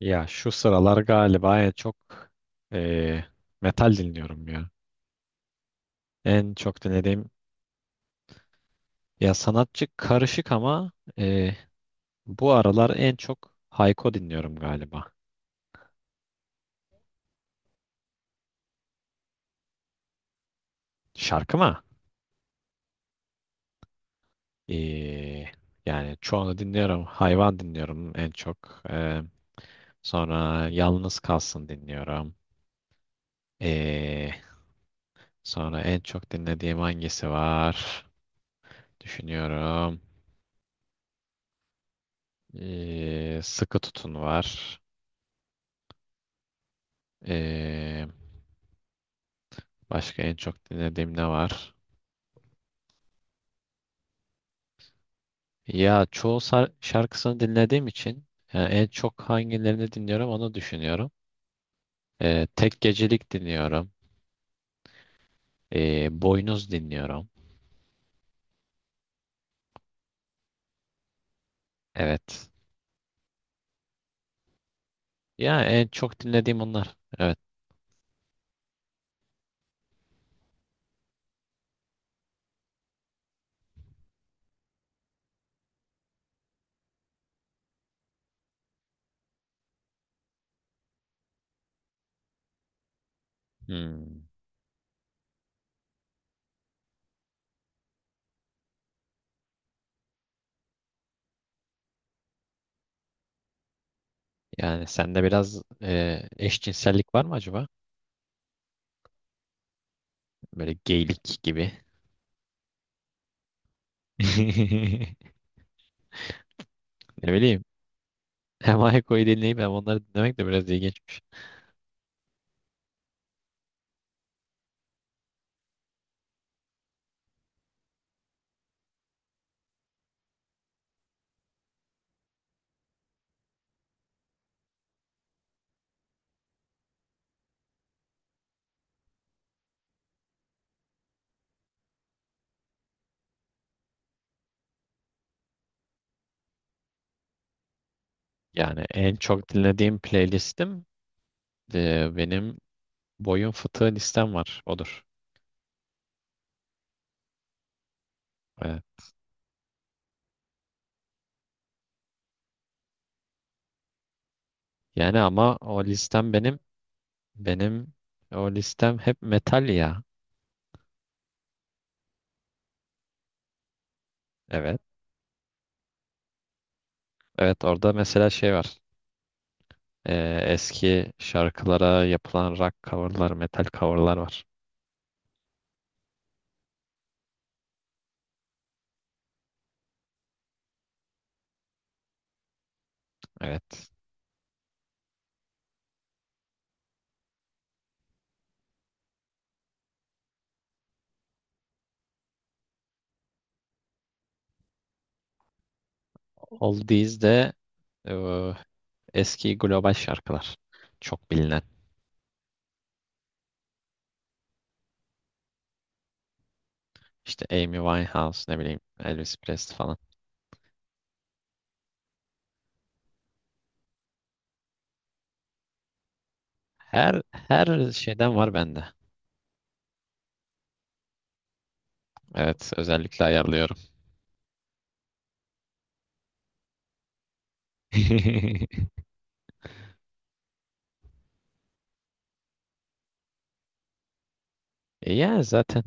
Ya şu sıralar galiba en çok eee, metal dinliyorum ya. En çok dinlediğim ya sanatçı karışık ama eee, bu aralar en çok Hayko dinliyorum galiba. Şarkı mı? Eee, yani çoğunu dinliyorum. Hayvan dinliyorum en çok. Sonra Yalnız Kalsın dinliyorum. Eee, sonra en çok dinlediğim hangisi var? Düşünüyorum. Sıkı Tutun var. Eee Başka en çok dinlediğim ne var? Ya şarkısını dinlediğim için yani en çok hangilerini dinliyorum onu düşünüyorum. Tek Gecelik dinliyorum. Boynuz dinliyorum. Evet. Ya en çok dinlediğim onlar. Evet. Hmm. Yani sende biraz eşcinsellik var mı acaba? Böyle geylik gibi. Ne bileyim. Hem Ayko'yu dinleyip hem onları dinlemek de biraz ilginçmiş. Yani en çok dinlediğim playlistim benim Boyun fıtığı listem var. Odur. Ee, Yani ama o listem benim o listem hep metal ya. Evet. Evet orada mesela şey var. Eski şarkılara yapılan rock coverlar, metal coverlar var. Evet. Oldies de e, eski global şarkılar. Çok bilinen. İşte Amy Winehouse ne bileyim Elvis Presley falan. Her şeyden var bende. Evet özellikle ayarlıyorum. Yani zaten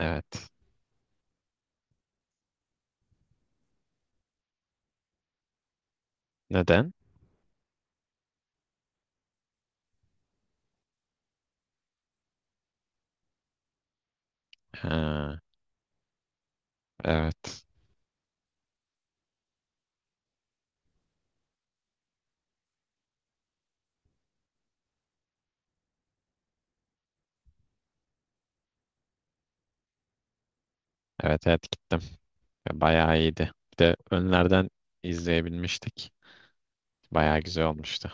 evet. Neden? Ha, evet. Evet evet gittim. Ve Bayağı iyiydi. Bir de önlerden izleyebilmiştik. Bayağı güzel olmuştu.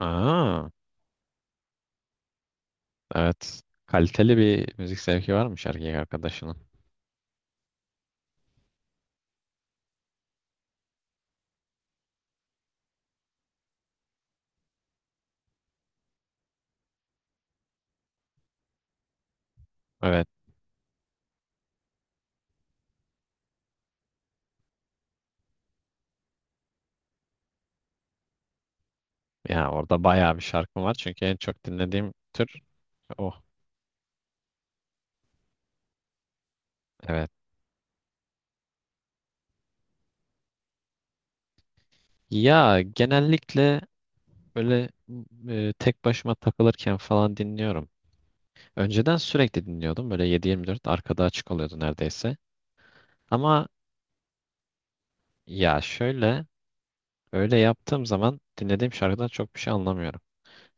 Aa, evet. Kaliteli bir müzik zevki varmış erkek arkadaşının. Evet. Ya orada bayağı bir şarkı var. Çünkü en çok dinlediğim tür o. Evet. Ya genellikle böyle tek başıma takılırken falan dinliyorum. Önceden sürekli dinliyordum. Böyle 7-24 arkada açık oluyordu neredeyse. Ama ya şöyle öyle yaptığım zaman dinlediğim şarkıdan çok bir şey anlamıyorum.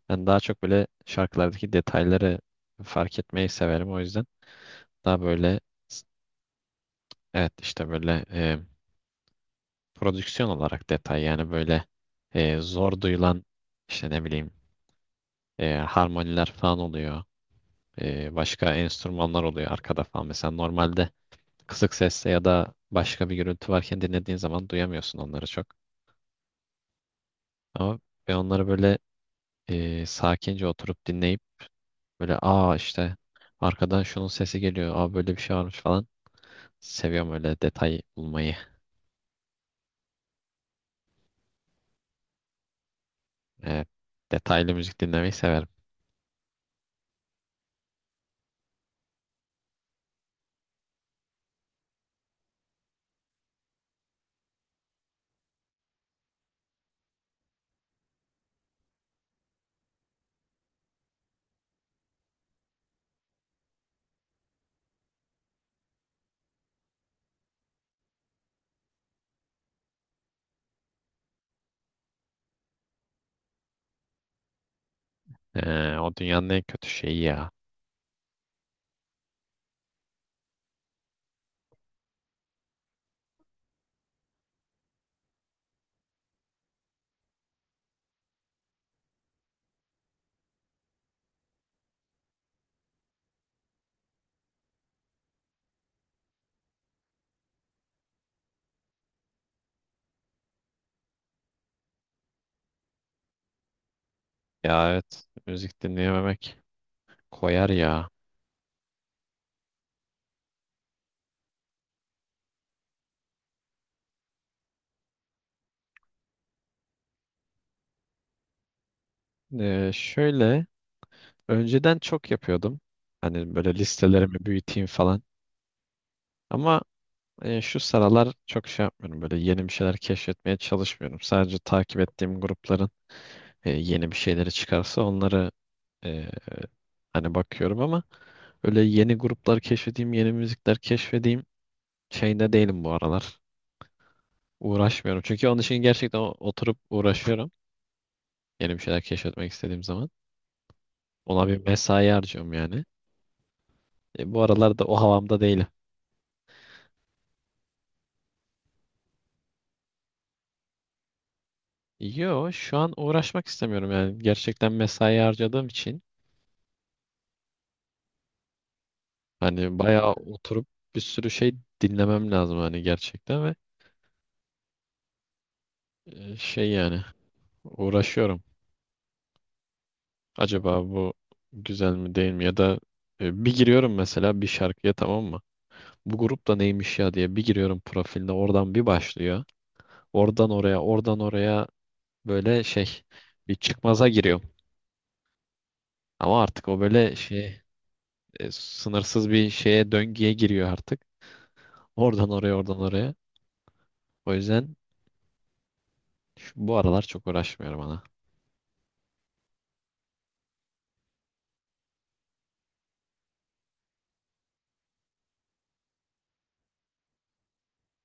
Ben daha çok böyle şarkılardaki detayları fark etmeyi severim o yüzden. Daha böyle s- evet işte böyle prodüksiyon olarak detay, yani böyle zor duyulan işte ne bileyim harmoniler falan oluyor. Başka enstrümanlar oluyor arkada falan. Mesela normalde kısık sesle ya da başka bir gürültü varken dinlediğin zaman duyamıyorsun onları çok. Ama ben onları böyle sakince oturup dinleyip böyle aa işte arkadan şunun sesi geliyor. Aa böyle bir şey varmış falan. Seviyorum öyle detay bulmayı. Ee, detaylı müzik dinlemeyi severim. O dünyanın en kötü şeyi ya. Ya evet, müzik dinleyememek koyar ya. Şöyle önceden çok yapıyordum. Hani böyle listelerimi büyüteyim falan. Ama şu sıralar çok şey yapmıyorum. Böyle yeni bir şeyler keşfetmeye çalışmıyorum. Sadece takip ettiğim grupların yeni bir şeyleri çıkarsa onları e, hani bakıyorum ama öyle yeni gruplar keşfedeyim, yeni müzikler keşfedeyim şeyinde değilim bu aralar. Uğraşmıyorum. Çünkü onun için gerçekten oturup uğraşıyorum. Yeni bir şeyler keşfetmek istediğim zaman. Ona bir mesai harcıyorum yani. Bu aralar da o havamda değilim. Yo, şu an uğraşmak istemiyorum yani. Gerçekten mesai harcadığım için hani bayağı oturup bir sürü şey dinlemem lazım hani gerçekten ve şey yani uğraşıyorum. Acaba bu güzel mi değil mi, ya da bir giriyorum mesela bir şarkıya, tamam mı? Bu grup da neymiş ya diye bir giriyorum profiline, oradan bir başlıyor. Oradan oraya oradan oraya böyle şey, bir çıkmaza giriyorum. Ama artık o böyle şey sınırsız bir şeye, döngüye giriyor artık. Oradan oraya oradan oraya. O yüzden şu, bu aralar çok uğraşmıyorum ana.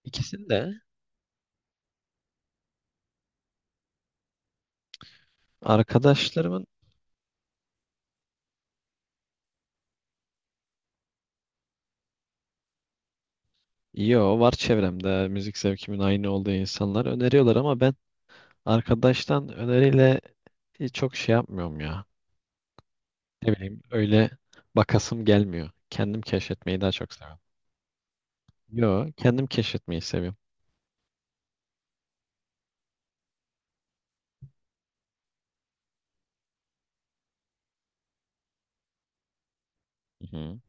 İkisini de arkadaşlarımın, yo var çevremde müzik zevkimin aynı olduğu insanlar öneriyorlar ama ben arkadaştan öneriyle hiç çok şey yapmıyorum ya. Ne bileyim öyle bakasım gelmiyor. Kendim keşfetmeyi daha çok seviyorum. Yo, kendim keşfetmeyi seviyorum. Hı hı.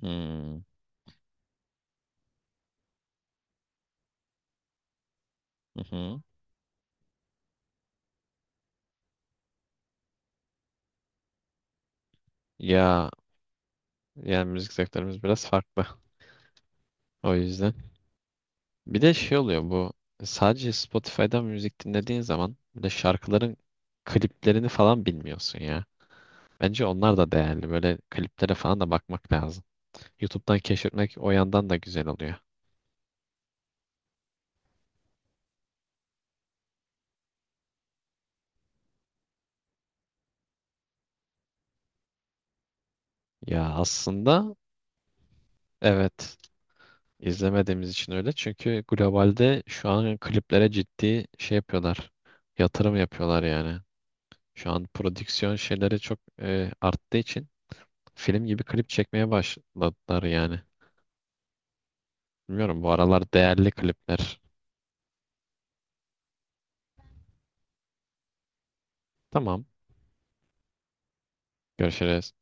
Hmm. Hı hı. Ya yani müzik zevklerimiz biraz farklı. O yüzden. Bir de şey oluyor, bu sadece Spotify'dan müzik dinlediğin zaman bir de şarkıların kliplerini falan bilmiyorsun ya. Bence onlar da değerli. Böyle kliplere falan da bakmak lazım. YouTube'dan keşfetmek o yandan da güzel oluyor. Ya aslında evet. İzlemediğimiz için öyle. Çünkü globalde şu an kliplere ciddi şey yapıyorlar. Yatırım yapıyorlar yani. Şu an prodüksiyon şeyleri çok arttığı için film gibi klip çekmeye başladılar yani. Bilmiyorum, bu aralar değerli klipler. Tamam. Görüşürüz.